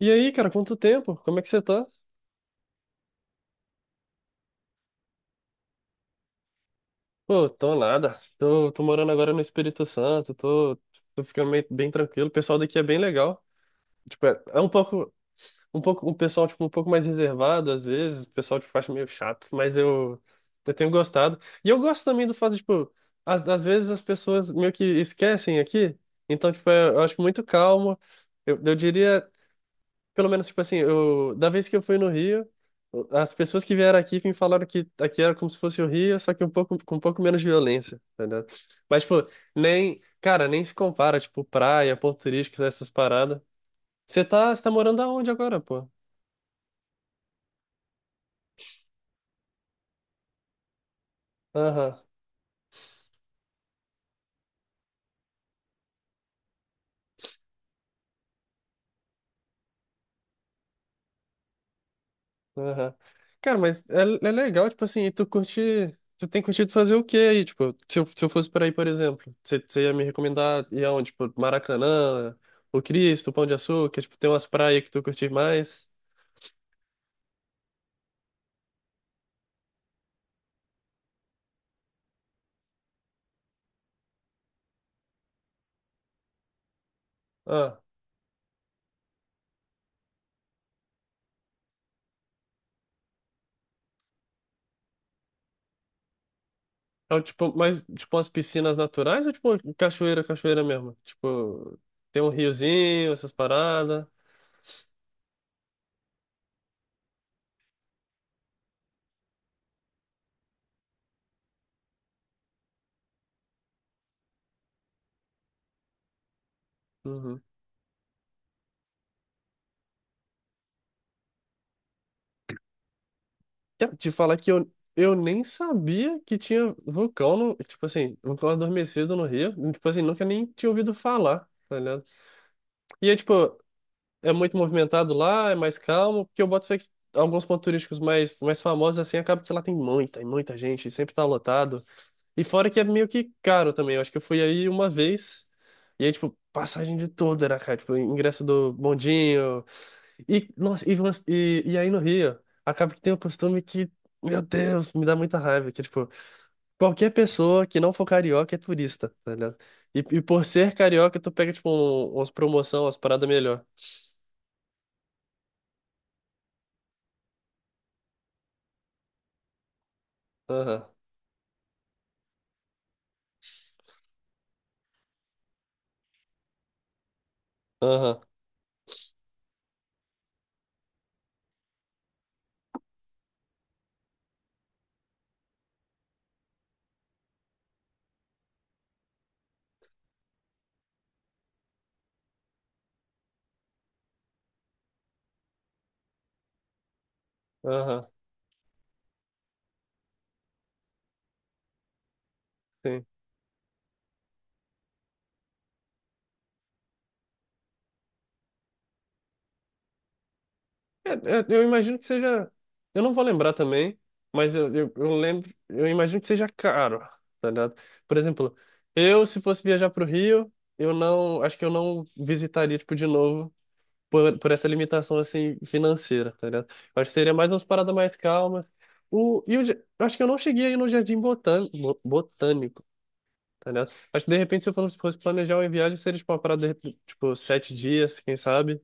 E aí, cara, quanto tempo? Como é que você tá? Pô, tô nada. Tô morando agora no Espírito Santo, tô ficando bem tranquilo. O pessoal daqui é bem legal. É um pouco, um pouco, um pessoal, tipo, um pouco mais reservado às vezes. O pessoal, tipo, acha meio chato, mas eu tenho gostado. E eu gosto também do fato, tipo, às vezes as pessoas meio que esquecem aqui. Então, tipo, eu acho muito calmo. Eu diria. Pelo menos, tipo assim, eu, da vez que eu fui no Rio, as pessoas que vieram aqui me falaram que aqui era como se fosse o Rio, só que um pouco, com um pouco menos violência, tá ligado? Mas, tipo, nem, cara, nem se compara, tipo, praia, pontos turísticos, essas paradas. Você tá morando aonde agora, pô? Aham, aham. Cara, mas é legal, tipo assim, e tu curte, tu tem curtido fazer o quê aí? Tipo, se eu fosse por aí, por exemplo, você ia me recomendar ir aonde? Tipo, Maracanã, o Cristo, o Pão de Açúcar, tipo, tem umas praias que tu curte mais? Ah, é o tipo, mas tipo umas piscinas naturais ou tipo cachoeira mesmo? Tipo, tem um riozinho, essas paradas. Uhum. Cara, te falar que eu nem sabia que tinha vulcão no, tipo assim, vulcão adormecido no Rio. Tipo assim, nunca nem tinha ouvido falar, tá ligado? E é tipo, é muito movimentado lá, é mais calmo, porque eu boto fé que alguns pontos turísticos mais famosos assim, acaba que lá tem muita, e muita gente, sempre tá lotado. E fora que é meio que caro também. Eu acho que eu fui aí uma vez. E aí, tipo, passagem de tudo era caro. Tipo, ingresso do bondinho. E, nossa, e aí no Rio, acaba que tem um costume que, meu Deus, me dá muita raiva. Que, tipo, qualquer pessoa que não for carioca é turista, tá ligado? E por ser carioca, tu pega, tipo, um, umas promoção, umas paradas melhor. Aham, aham, aham. É, eu imagino que seja. Eu não vou lembrar também, mas eu lembro. Eu imagino que seja caro, tá ligado? Por exemplo, eu, se fosse viajar pro Rio, eu não. Acho que eu não visitaria, tipo, de novo por essa limitação, assim, financeira, tá ligado? Eu acho que seria mais umas paradas mais calmas. O, e o, ja- eu acho que eu não cheguei aí no Jardim Botânico, tá ligado? Acho que, de repente, se eu fosse planejar uma viagem, seria, tipo, uma parada, de, repente, tipo, sete dias, quem sabe?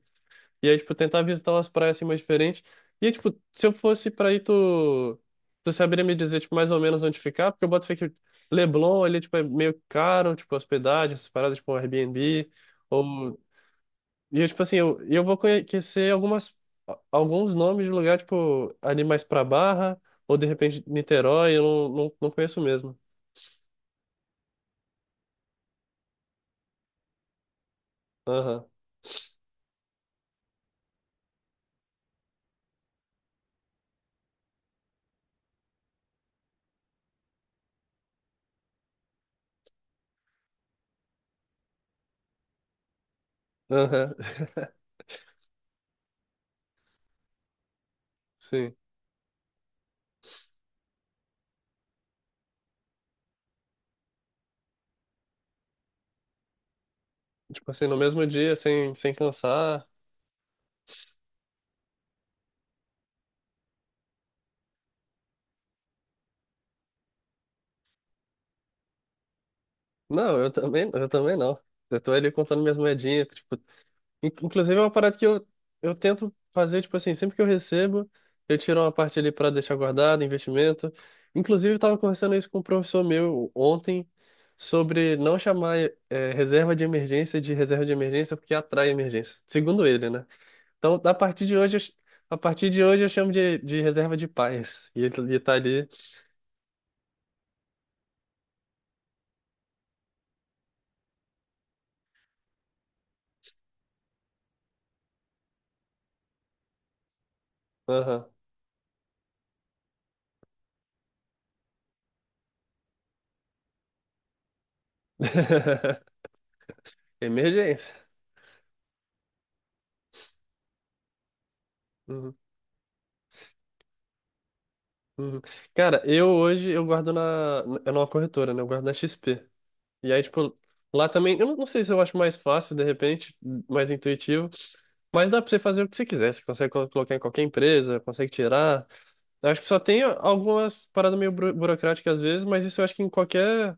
E aí, tipo, tentar visitar umas praias assim mais diferentes. E, aí, tipo, se eu fosse pra aí, tu saberia me dizer, tipo, mais ou menos onde ficar? Porque eu boto fé que Leblon ali, tipo, é meio caro, tipo, hospedagem, essas paradas, tipo, um Airbnb. Ou... E, eu, tipo assim, eu vou conhecer algumas, alguns nomes de lugar, tipo, ali mais pra Barra, ou de repente Niterói, eu não conheço mesmo. Aham, aham, sim. Tipo assim, no mesmo dia, sem cansar. Não, eu também não. Eu tô ali contando minhas moedinhas, tipo, inclusive é uma parada que eu tento fazer, tipo assim, sempre que eu recebo, eu tiro uma parte ali para deixar guardado, investimento. Inclusive, eu tava conversando isso com um professor meu ontem sobre não chamar reserva de emergência de reserva de emergência porque atrai emergência, segundo ele, né? Então, a partir de hoje, a partir de hoje eu chamo de reserva de paz. E ele tá ali, aham. Emergência. Uhum. Uhum. Cara, eu hoje eu guardo na, é numa corretora, né? Eu guardo na XP. E aí, tipo, lá também, eu não sei se eu acho mais fácil, de repente, mais intuitivo, mas dá pra você fazer o que você quiser. Você consegue colocar em qualquer empresa, consegue tirar. Eu acho que só tem algumas paradas meio burocráticas às vezes, mas isso eu acho que em qualquer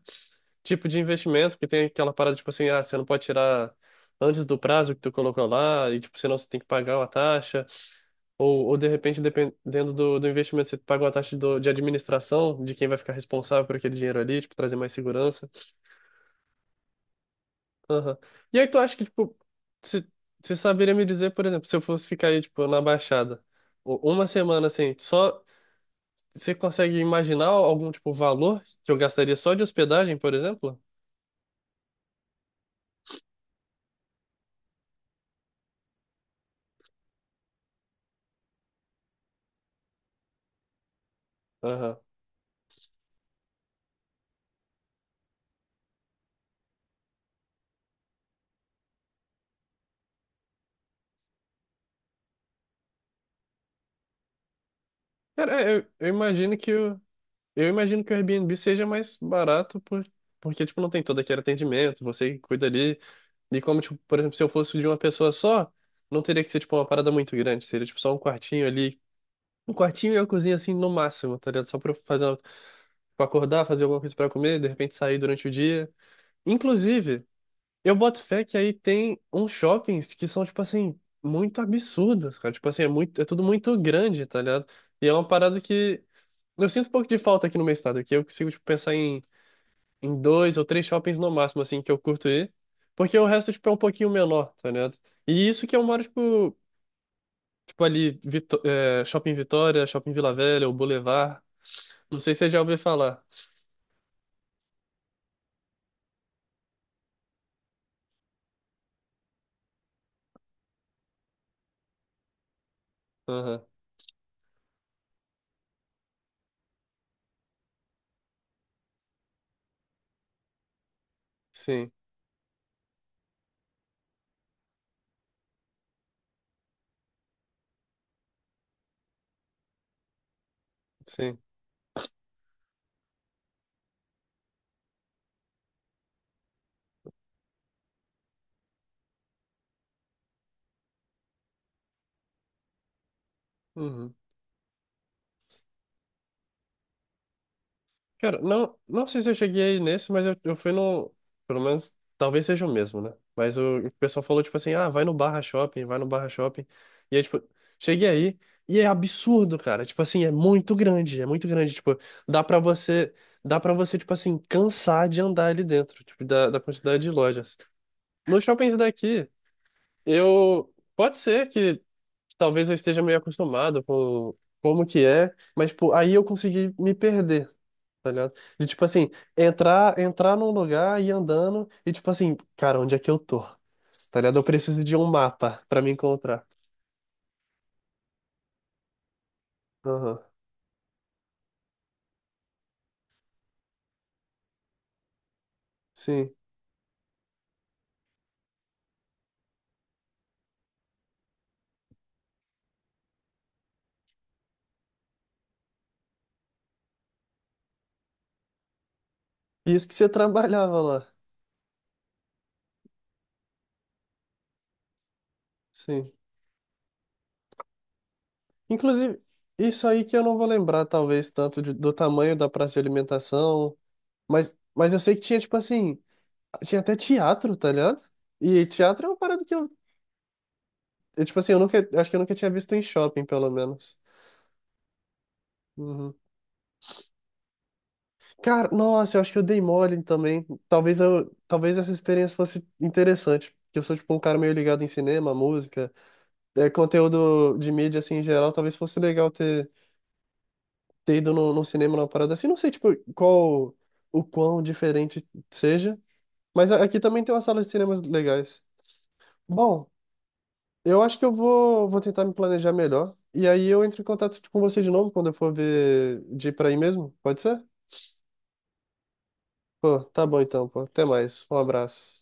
tipo de investimento, que tem aquela parada, tipo assim, ah, você não pode tirar antes do prazo que tu colocou lá, e tipo, senão você tem que pagar uma taxa. Ou de repente, dependendo do, do investimento, você paga uma taxa do, de administração, de quem vai ficar responsável por aquele dinheiro ali, tipo, trazer mais segurança. Aham. E aí tu acha que, tipo, você você saberia me dizer, por exemplo, se eu fosse ficar aí, tipo, na Baixada, uma semana assim, só você consegue imaginar algum, tipo, valor que eu gastaria só de hospedagem, por exemplo? Aham. Cara, é, eu imagino eu imagino que o Airbnb seja mais barato porque, tipo, não tem todo aquele atendimento, você cuida ali. E como, tipo, por exemplo, se eu fosse de uma pessoa só, não teria que ser, tipo, uma parada muito grande. Seria, tipo, só um quartinho ali. Um quartinho e uma cozinha, assim, no máximo, tá ligado? Só pra eu fazer, pra acordar, fazer alguma coisa pra comer, de repente sair durante o dia. Inclusive, eu boto fé que aí tem uns shoppings que são, tipo, assim, muito absurdos, cara. Tipo, assim, é muito, é tudo muito grande, tá ligado? E é uma parada que eu sinto um pouco de falta aqui no meu estado, que eu consigo, tipo, pensar em dois ou três shoppings no máximo, assim, que eu curto ir. Porque o resto, tipo, é um pouquinho menor, tá ligado? E isso que eu moro, tipo, tipo ali, Shopping Vitória, Shopping Vila Velha, o Boulevard. Não sei se você já ouviu falar. Aham. Sim, sim. Uhum. Cara, não, não sei se eu cheguei nesse, mas eu fui no. Pelo menos, talvez seja o mesmo, né? Mas o pessoal falou, tipo assim, ah, vai no Barra Shopping, vai no Barra Shopping. E aí, tipo, cheguei aí e é absurdo, cara. Tipo assim, é muito grande, é muito grande. Tipo, dá pra você, dá pra você, tipo assim, cansar de andar ali dentro, tipo, da quantidade de lojas. Nos shoppings daqui, eu. Pode ser que talvez eu esteja meio acostumado com como que é, mas, tipo, aí eu consegui me perder, tá ligado? De tipo assim, entrar num lugar, e ir andando e tipo assim, cara, onde é que eu tô? Tá ligado? Eu preciso de um mapa pra me encontrar. Aham, sim. E isso que você trabalhava lá, sim. Inclusive, isso aí que eu não vou lembrar, talvez, tanto do tamanho da praça de alimentação, mas, eu sei que tinha, tipo assim, tinha até teatro, tá ligado? E teatro é uma parada que tipo assim, eu nunca, acho que eu nunca tinha visto em shopping, pelo menos. Uhum. Cara, nossa, eu acho que eu dei mole também. Talvez talvez essa experiência fosse interessante. Que eu sou tipo um cara meio ligado em cinema, música, é, conteúdo de mídia assim em geral. Talvez fosse legal ter ido no cinema numa parada assim. Não sei tipo qual o quão diferente seja, mas aqui também tem uma sala de cinemas legais. Bom, eu acho que eu vou tentar me planejar melhor. E aí eu entro em contato com você de novo quando eu for ver de ir pra aí mesmo. Pode ser? Pô, tá bom então, pô. Até mais. Um abraço.